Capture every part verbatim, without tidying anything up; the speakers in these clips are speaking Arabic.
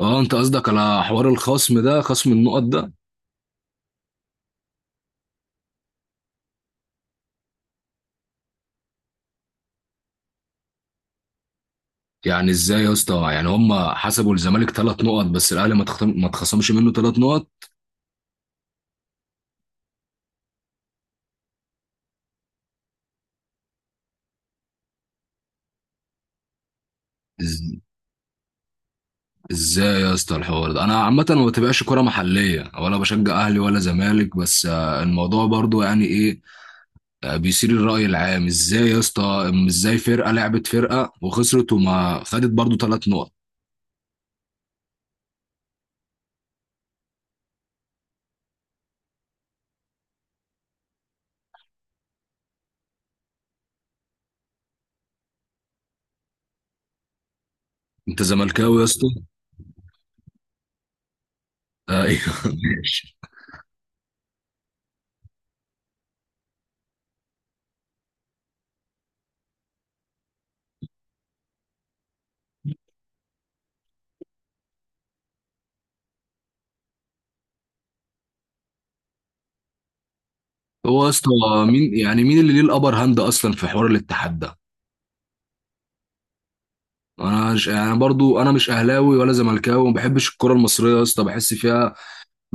اه، انت قصدك على حوار الخصم ده، خصم النقط ده؟ يعني ازاي يا اسطى؟ يعني هم حسبوا الزمالك ثلاث نقط بس الاهلي ما تخصم، ما اتخصمش منه ثلاث نقط. إز- ازاي يا اسطى الحوار ده؟ انا عامه ما بتابعش كوره محليه ولا بشجع اهلي ولا زمالك، بس آه، الموضوع برضو يعني ايه؟ آه، بيثير الراي العام ازاي يا اسطى؟ أم ازاي فرقه لعبت فرقه وخسرت وما خدت برضو ثلاث نقط؟ انت زملكاوي يا اسطى؟ آه، ايوه ماشي. هو يا اسطى، مين يعني، مين اللي ليه الابر هاند اصلا في حوار الاتحاد ده؟ انا مش يعني، برضو انا مش اهلاوي ولا زملكاوي، وما بحبش الكره المصريه يا اسطى، بحس فيها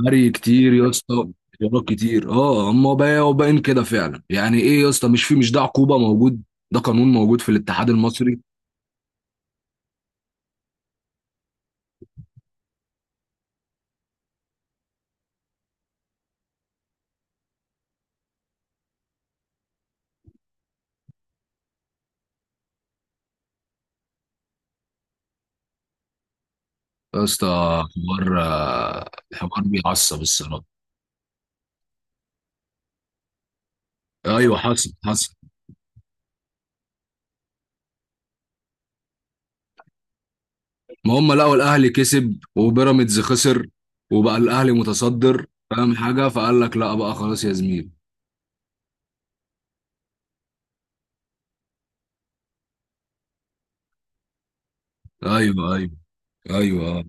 هري كتير يا اسطى، اختيارات كتير. اه، اما بقى وباين كده فعلا، يعني ايه يا اسطى؟ مش في، مش ده عقوبه موجود؟ ده قانون موجود في الاتحاد المصري يا اسطى. حوار، آه، حوار بيعصب الصراحه. ايوه حصل حصل. ما هم لقوا الاهلي كسب وبيراميدز خسر، وبقى الاهلي متصدر، فاهم حاجه، فقال لك لا بقى، خلاص يا زميل. ايوه ايوه. ايوه آه.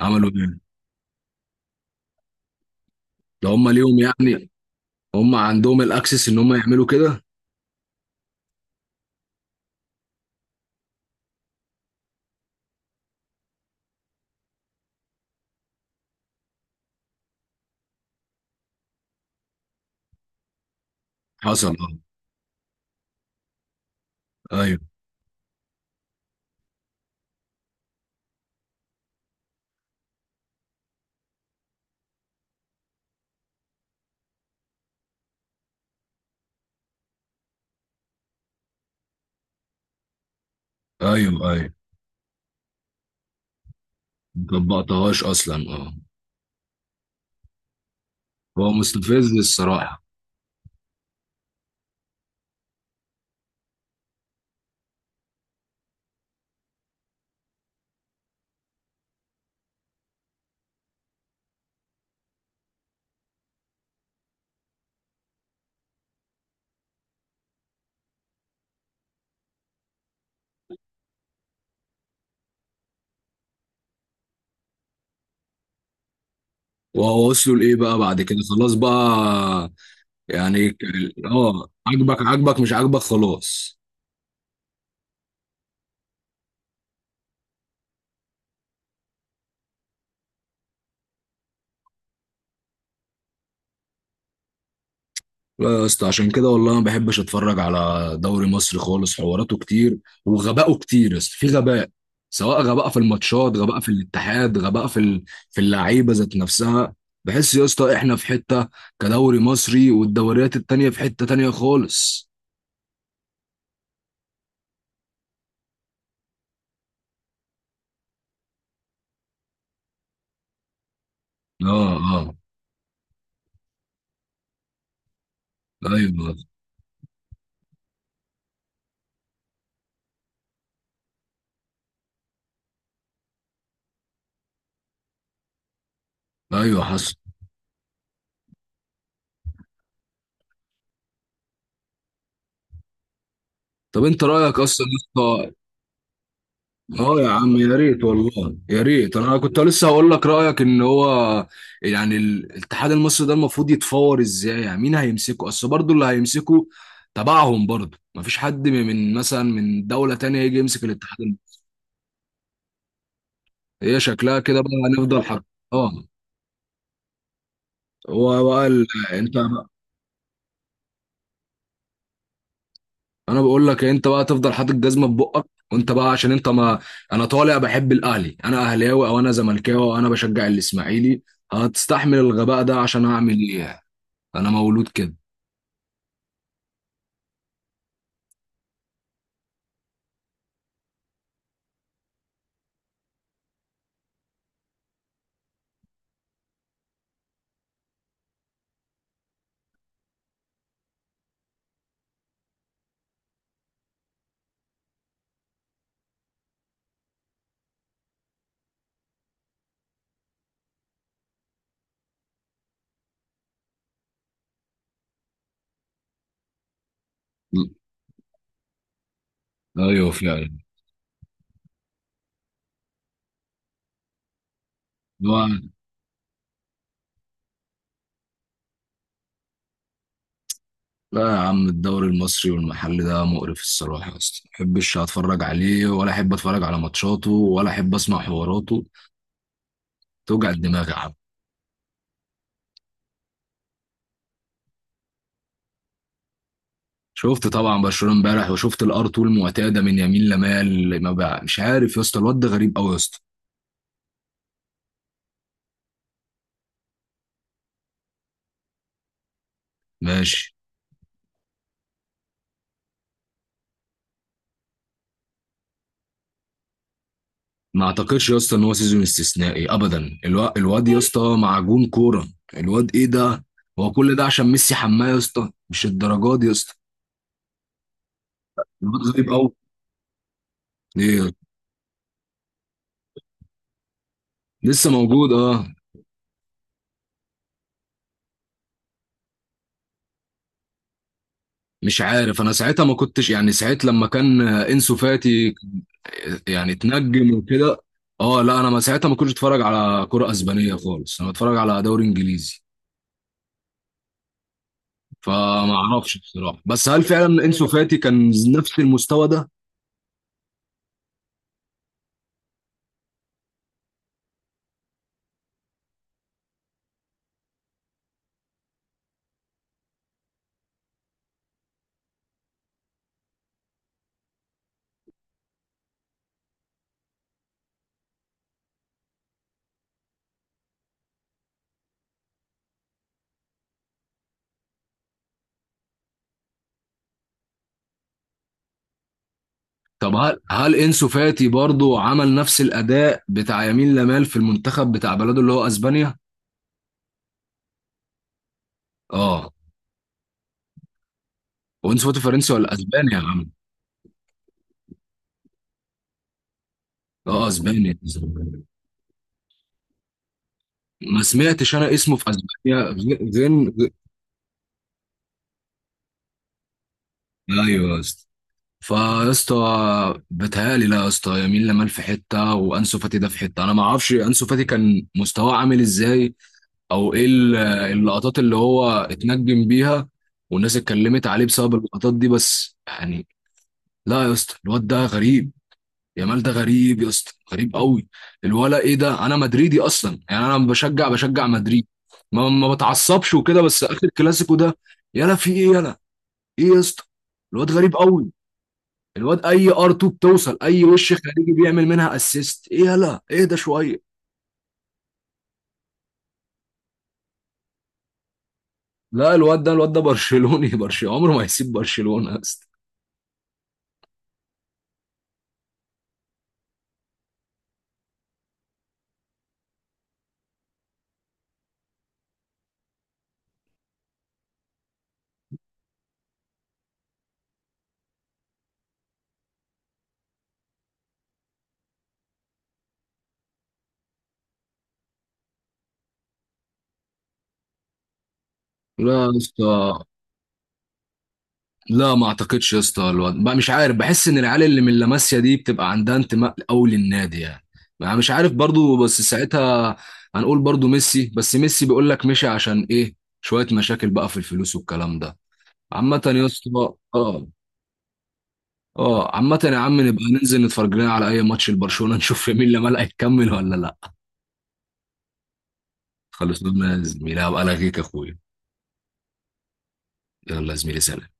عملوا ايه؟ ده هم ليهم يعني؟ هم عندهم الاكسس ان هم يعملوا كده؟ حصل اه. ايوه. ايوه ايوه. ما طبقتهاش اصلا، اه. هو مستفز الصراحه. وهو وصلوا لايه بقى بعد كده؟ خلاص بقى. يعني ك- اه، عاجبك عاجبك، مش عاجبك خلاص. لا يا اسطى، عشان كده والله ما بحبش اتفرج على دوري مصر خالص، حواراته كتير وغبائه كتير يا اسطى، في غباء، سواء غباء في الماتشات، غباء في الاتحاد، غباء في ال... في اللعيبه ذات نفسها. بحس يا اسطى احنا في حته كدوري مصري، والدوريات التانيه في حته تانيه خالص. اه اه. ايوه ايوه حصل. طب انت رايك اصلا؟ اه يا عم، يا ريت والله، يا ريت. انا كنت لسه هقول لك رايك ان هو يعني ال- الاتحاد المصري ده المفروض يتفور ازاي؟ يعني مين هيمسكه؟ اصل برضه اللي هيمسكه تبعهم برضه، مفيش حد من، من مثلا من دوله تانية يجي يمسك الاتحاد المصري. هي شكلها كده بقى، هنفضل حق. اه. هو بقى ال- انت بقى انا بقول لك، انت بقى تفضل حاطط جزمه في بقك، وانت بقى عشان انت ما انا طالع بحب الاهلي، انا اهلاوي، او انا زملكاوي، او انا بشجع الاسماعيلي، هتستحمل الغباء ده عشان اعمل ايه يعني؟ انا مولود كده. ايوه فعلا. هو، لا يا عم، الدوري المصري والمحلي ده مقرف الصراحه، اصلا ما احبش اتفرج عليه، ولا احب اتفرج على ماتشاته، ولا احب اسمع حواراته، توجع الدماغ يا عم. شفت طبعا برشلونه امبارح، وشفت الار طول المعتاده من يمين لمال، ما بقى مش عارف يا اسطى، الواد ده غريب قوي يا اسطى. ماشي. ما اعتقدش يا اسطى ان هو سيزون استثنائي ابدا، الوا- الواد يا اسطى معجون كوره. الواد ايه ده؟ هو كل ده عشان ميسي حماه يا اسطى؟ مش الدرجات دي يا اسطى. الواد غريب قوي. ايه؟ لسه موجود اه. مش عارف، انا ساعتها ما كنتش يعني، ساعت لما كان انسو فاتي يعني اتنجم وكده. اه لا، انا ما ساعتها ما كنتش اتفرج على كرة اسبانية خالص، انا بتفرج على دوري انجليزي، فما اعرفش بصراحة. بس هل فعلا انسو فاتي كان نفس المستوى ده؟ طب هل، هل انسو فاتي برضو عمل نفس الاداء بتاع يمين لامال في المنتخب بتاع بلده اللي هو اسبانيا؟ اه. وانسو فاتي فرنسي ولا اسبانيا يا عم؟ اه اسبانيا. ما سمعتش انا اسمه في اسبانيا. زين زين- ايوه يا اسطى. فيا اسطى بتهيألي، لا يا اسطى، يمين لمال في حته، وانسو فاتي ده في حته. انا ما اعرفش انسو فاتي كان مستواه عامل ازاي، او ايه ال- اللقطات اللي هو اتنجم بيها، والناس اتكلمت عليه بسبب اللقطات دي، بس يعني لا يا اسطى، الواد ده غريب. يامال ده غريب يا اسطى، غريب قوي. الولا ايه ده؟ انا مدريدي اصلا يعني، انا بشجع، بشجع مدريد، ما ما بتعصبش وكده، بس اخر كلاسيكو ده يلا، في ايه؟ ايه يا اسطى؟ الواد غريب قوي. الواد آر اتنين بتوصل اي وش خارجي بيعمل منها اسيست. ايه يلا، اهدى شويه. لا، الواد ده، الواد ده برشلوني برشلوني، عمره ما هيسيب برشلونه يا اسطى. لا يا اسطى. لا ما اعتقدش يا اسطى، الواد بقى مش عارف، بحس ان العيال اللي من لاماسيا دي بتبقى عندها انتماء قوي للنادي يعني. ما مش عارف برضو، بس ساعتها هنقول برضو ميسي، بس ميسي بيقول لك مشي عشان ايه؟ شويه مشاكل بقى في الفلوس والكلام ده. عامة يا اسطى. اه اه. عامة يا عم، نبقى ننزل نتفرج لنا على اي ماتش لبرشلونة، نشوف مين اللي ملقى يكمل ولا لا. خلصنا يا زميلي، هبقى الغيك يا اخويا. يلا يا زميلي، سلام.